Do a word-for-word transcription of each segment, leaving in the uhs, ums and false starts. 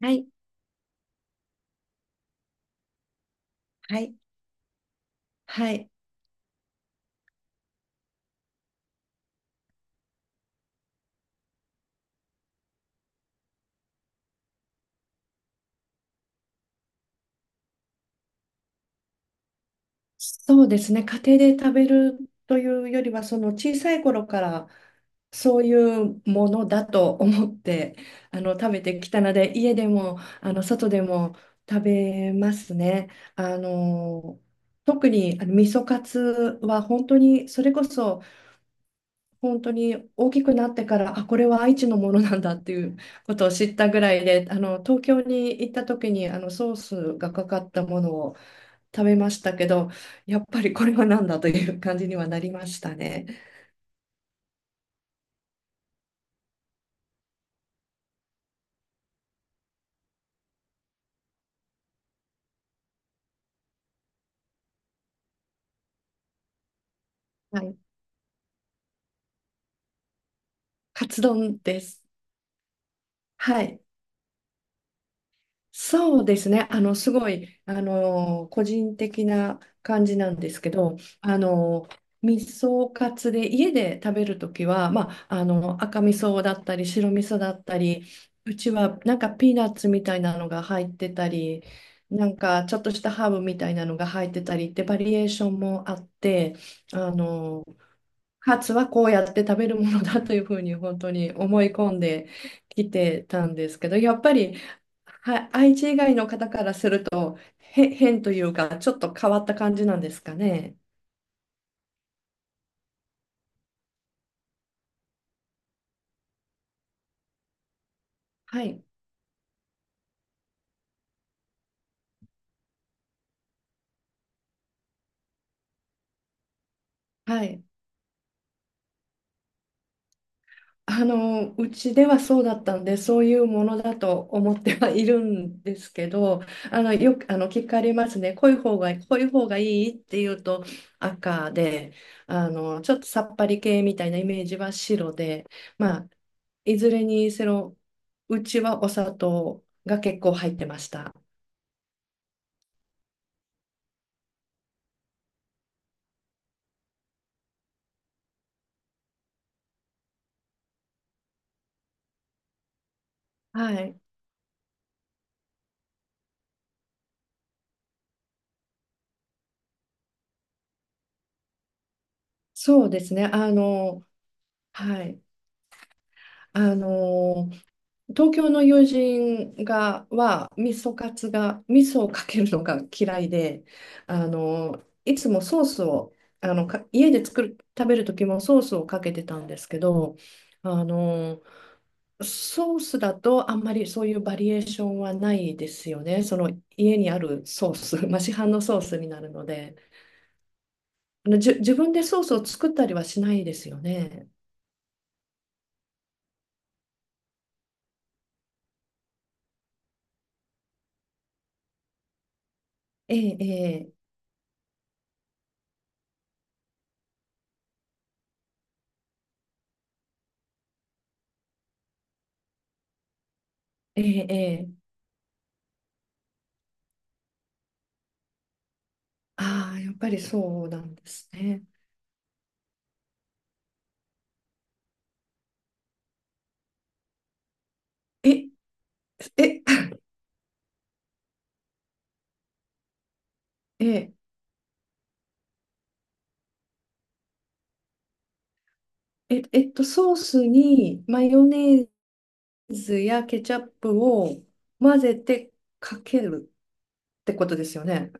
はい、はい、はい。そうですね。家庭で食べるというよりは、その小さい頃からそういうものだと思ってあの食べてきたので、家でもあの外でも食べますね。あの特にあの味噌カツは本当にそれこそ本当に大きくなってからあこれは愛知のものなんだっていうことを知ったぐらいであの東京に行った時にあのソースがかかったものを食べましたけど、やっぱりこれは何だという感じにはなりましたね。はい。カツ丼です。はい。そうですね。あの、すごい、あの、個人的な感じなんですけど、あの、味噌カツで家で食べるときは、まあ、あの赤味噌だったり白味噌だったり、うちはなんかピーナッツみたいなのが入ってたり、なんかちょっとしたハーブみたいなのが入ってたりってバリエーションもあって、あのカツはこうやって食べるものだというふうに本当に思い込んできてたんですけど、やっぱりは愛知以外の方からするとへ変というか、ちょっと変わった感じなんですかね。はい、はい。あの、うちではそうだったんで、そういうものだと思ってはいるんですけど、あの、よく、あの、聞かれますね。濃い方が、濃い方がいいっていうと赤で、あの、ちょっとさっぱり系みたいなイメージは白で、まあ、いずれにせよ、うちはお砂糖が結構入ってました。はい。そうですね。あの、はい。あの、東京の友人がは味噌カツが味噌をかけるのが嫌いで、あのいつもソースを、あのか家で作る食べる時もソースをかけてたんですけど、あのソースだとあんまりそういうバリエーションはないですよね、その家にあるソース、まあ、市販のソースになるので、あのじゅ自分でソースを作ったりはしないですよね。ええ、ええ、ええ、ええ、ああ、ーやっぱりそうなんですね。ええ、え、え、えっと、ソースにマヨネーズやケチャップを混ぜてかけるってことですよね。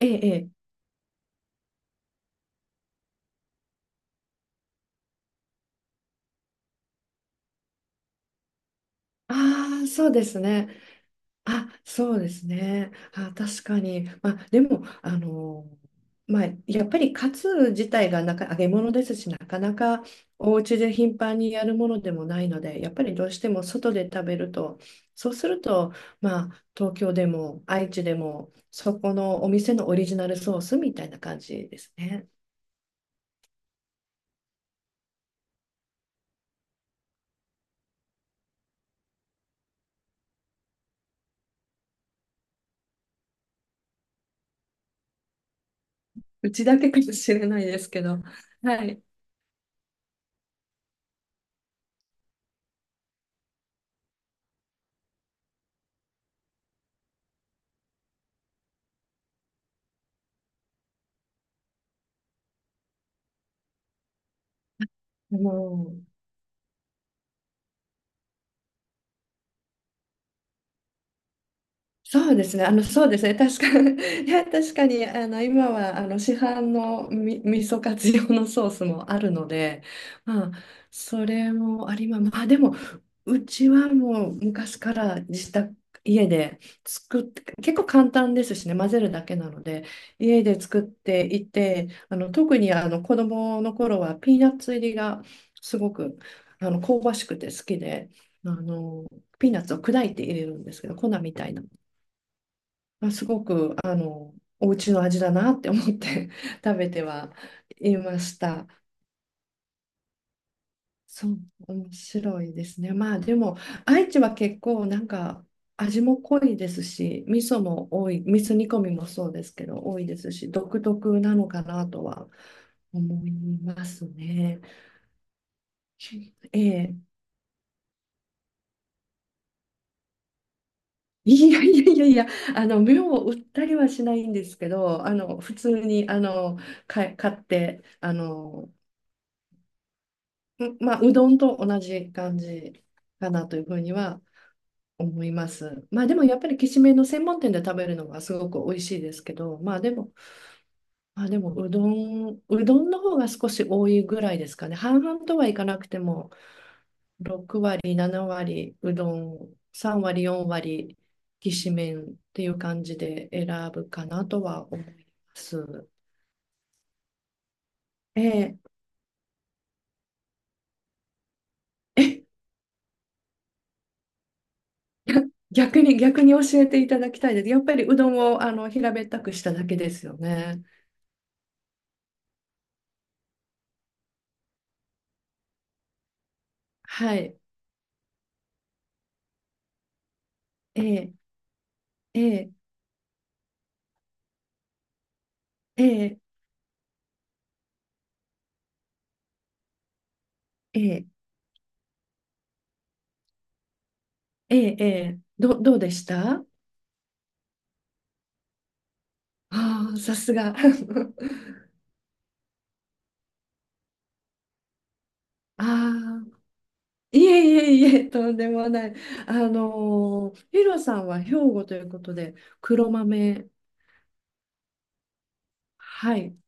ええ、ええ。ああ、そうですね。あ、そうですね。あ、確かに。まあ、でも、あの、まあ、やっぱりカツ自体がなか揚げ物ですし、なかなかお家で頻繁にやるものでもないので、やっぱりどうしても外で食べると、そうすると、まあ、東京でも愛知でも、そこのお店のオリジナルソースみたいな感じですね。うちだけかもしれないですけど、はい。もうそうですね。あの、そうですね。確かに、いや、確かに、あの、今は、あの、市販のみ、味噌カツ用のソースもあるので、まあ、それもありま、まあ、でも、うちはもう昔から自宅、家で作って、結構簡単ですしね、混ぜるだけなので、家で作っていて、あの、特に、あの、子供の頃はピーナッツ入りがすごく、あの、香ばしくて好きで、あの、ピーナッツを砕いて入れるんですけど、粉みたいな。まあ、すごく、あの、お家の味だなって思って 食べてはいました。そう、面白いですね。まあでも、愛知は結構なんか味も濃いですし、味噌も多い、味噌煮込みもそうですけど、多いですし、独特なのかなとは思いますね。ええ、いやいやいやいや、あの、目を売ったりはしないんですけど、あの、普通に、あの、か買って、あの、うんまあ、うどんと同じ感じかなというふうには思います。まあでもやっぱりきしめんの専門店で食べるのがすごく美味しいですけど、まあでも、まあでもうどん、うどんの方が少し多いぐらいですかね。半々とはいかなくても、ろく割、なな割うどん、さん割、よん割きしめんっていう感じで選ぶかなとは思います。ええ、 逆に、逆に教えていただきたいです。やっぱりうどんをあの平べったくしただけですよね。はい。ええ、ええ、ええ、ええ、ええ、ええど、どうでした？ああ、さすが。ああ、いえいえいえ、とんでもない。あの、ーヒロさんは兵庫ということで、黒豆、はい。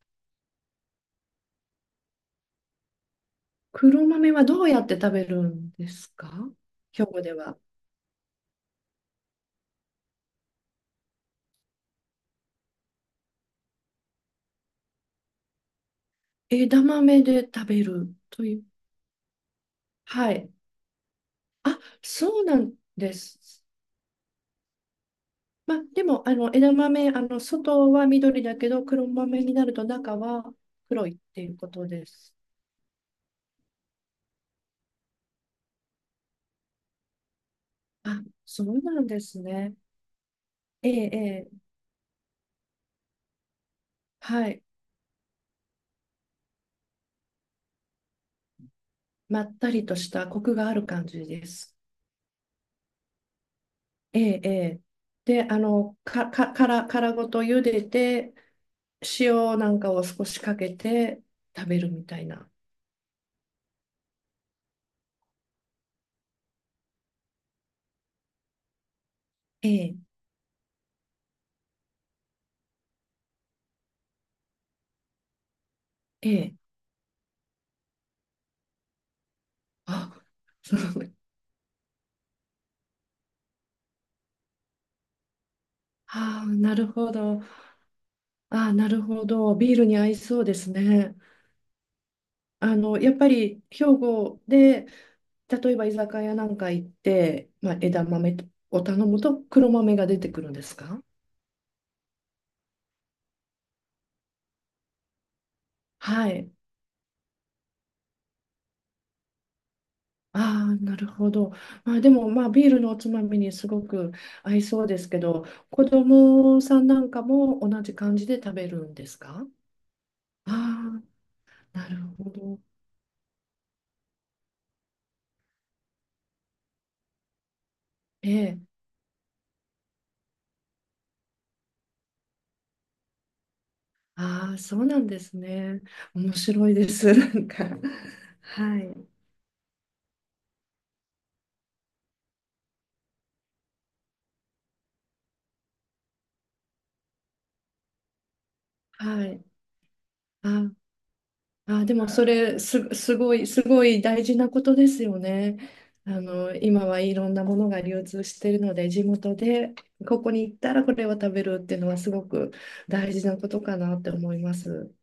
黒豆はどうやって食べるんですか、兵庫では。枝豆で食べるという。はい。あ、そうなんです。まあ、でも、あの、枝豆、あの、外は緑だけど、黒豆になると中は黒いっていうことです。あ、そうなんですね。ええ、ええ、はい。まったりとしたコクがある感じです。ええ、ええ。で、あの、か、か、殻、殻ごと茹でて、塩なんかを少しかけて食べるみたいな。ええ、ええ。あ、そう。ああ、なるほど。ああ、なるほど。ビールに合いそうですね。あの、やっぱり兵庫で、例えば居酒屋なんか行って、まあ、枝豆を頼むと黒豆が出てくるんですか？はい。ああ、なるほど。まあ、でも、まあ、ビールのおつまみにすごく合いそうですけど、子供さんなんかも同じ感じで食べるんですか？ああ、なるほど。ええ。ああ、そうなんですね。面白いです。なんか。はい。はい。ああ、でもそれす、すごい、すごい大事なことですよね。あの、今はいろんなものが流通しているので、地元でここに行ったらこれを食べるっていうのはすごく大事なことかなって思います。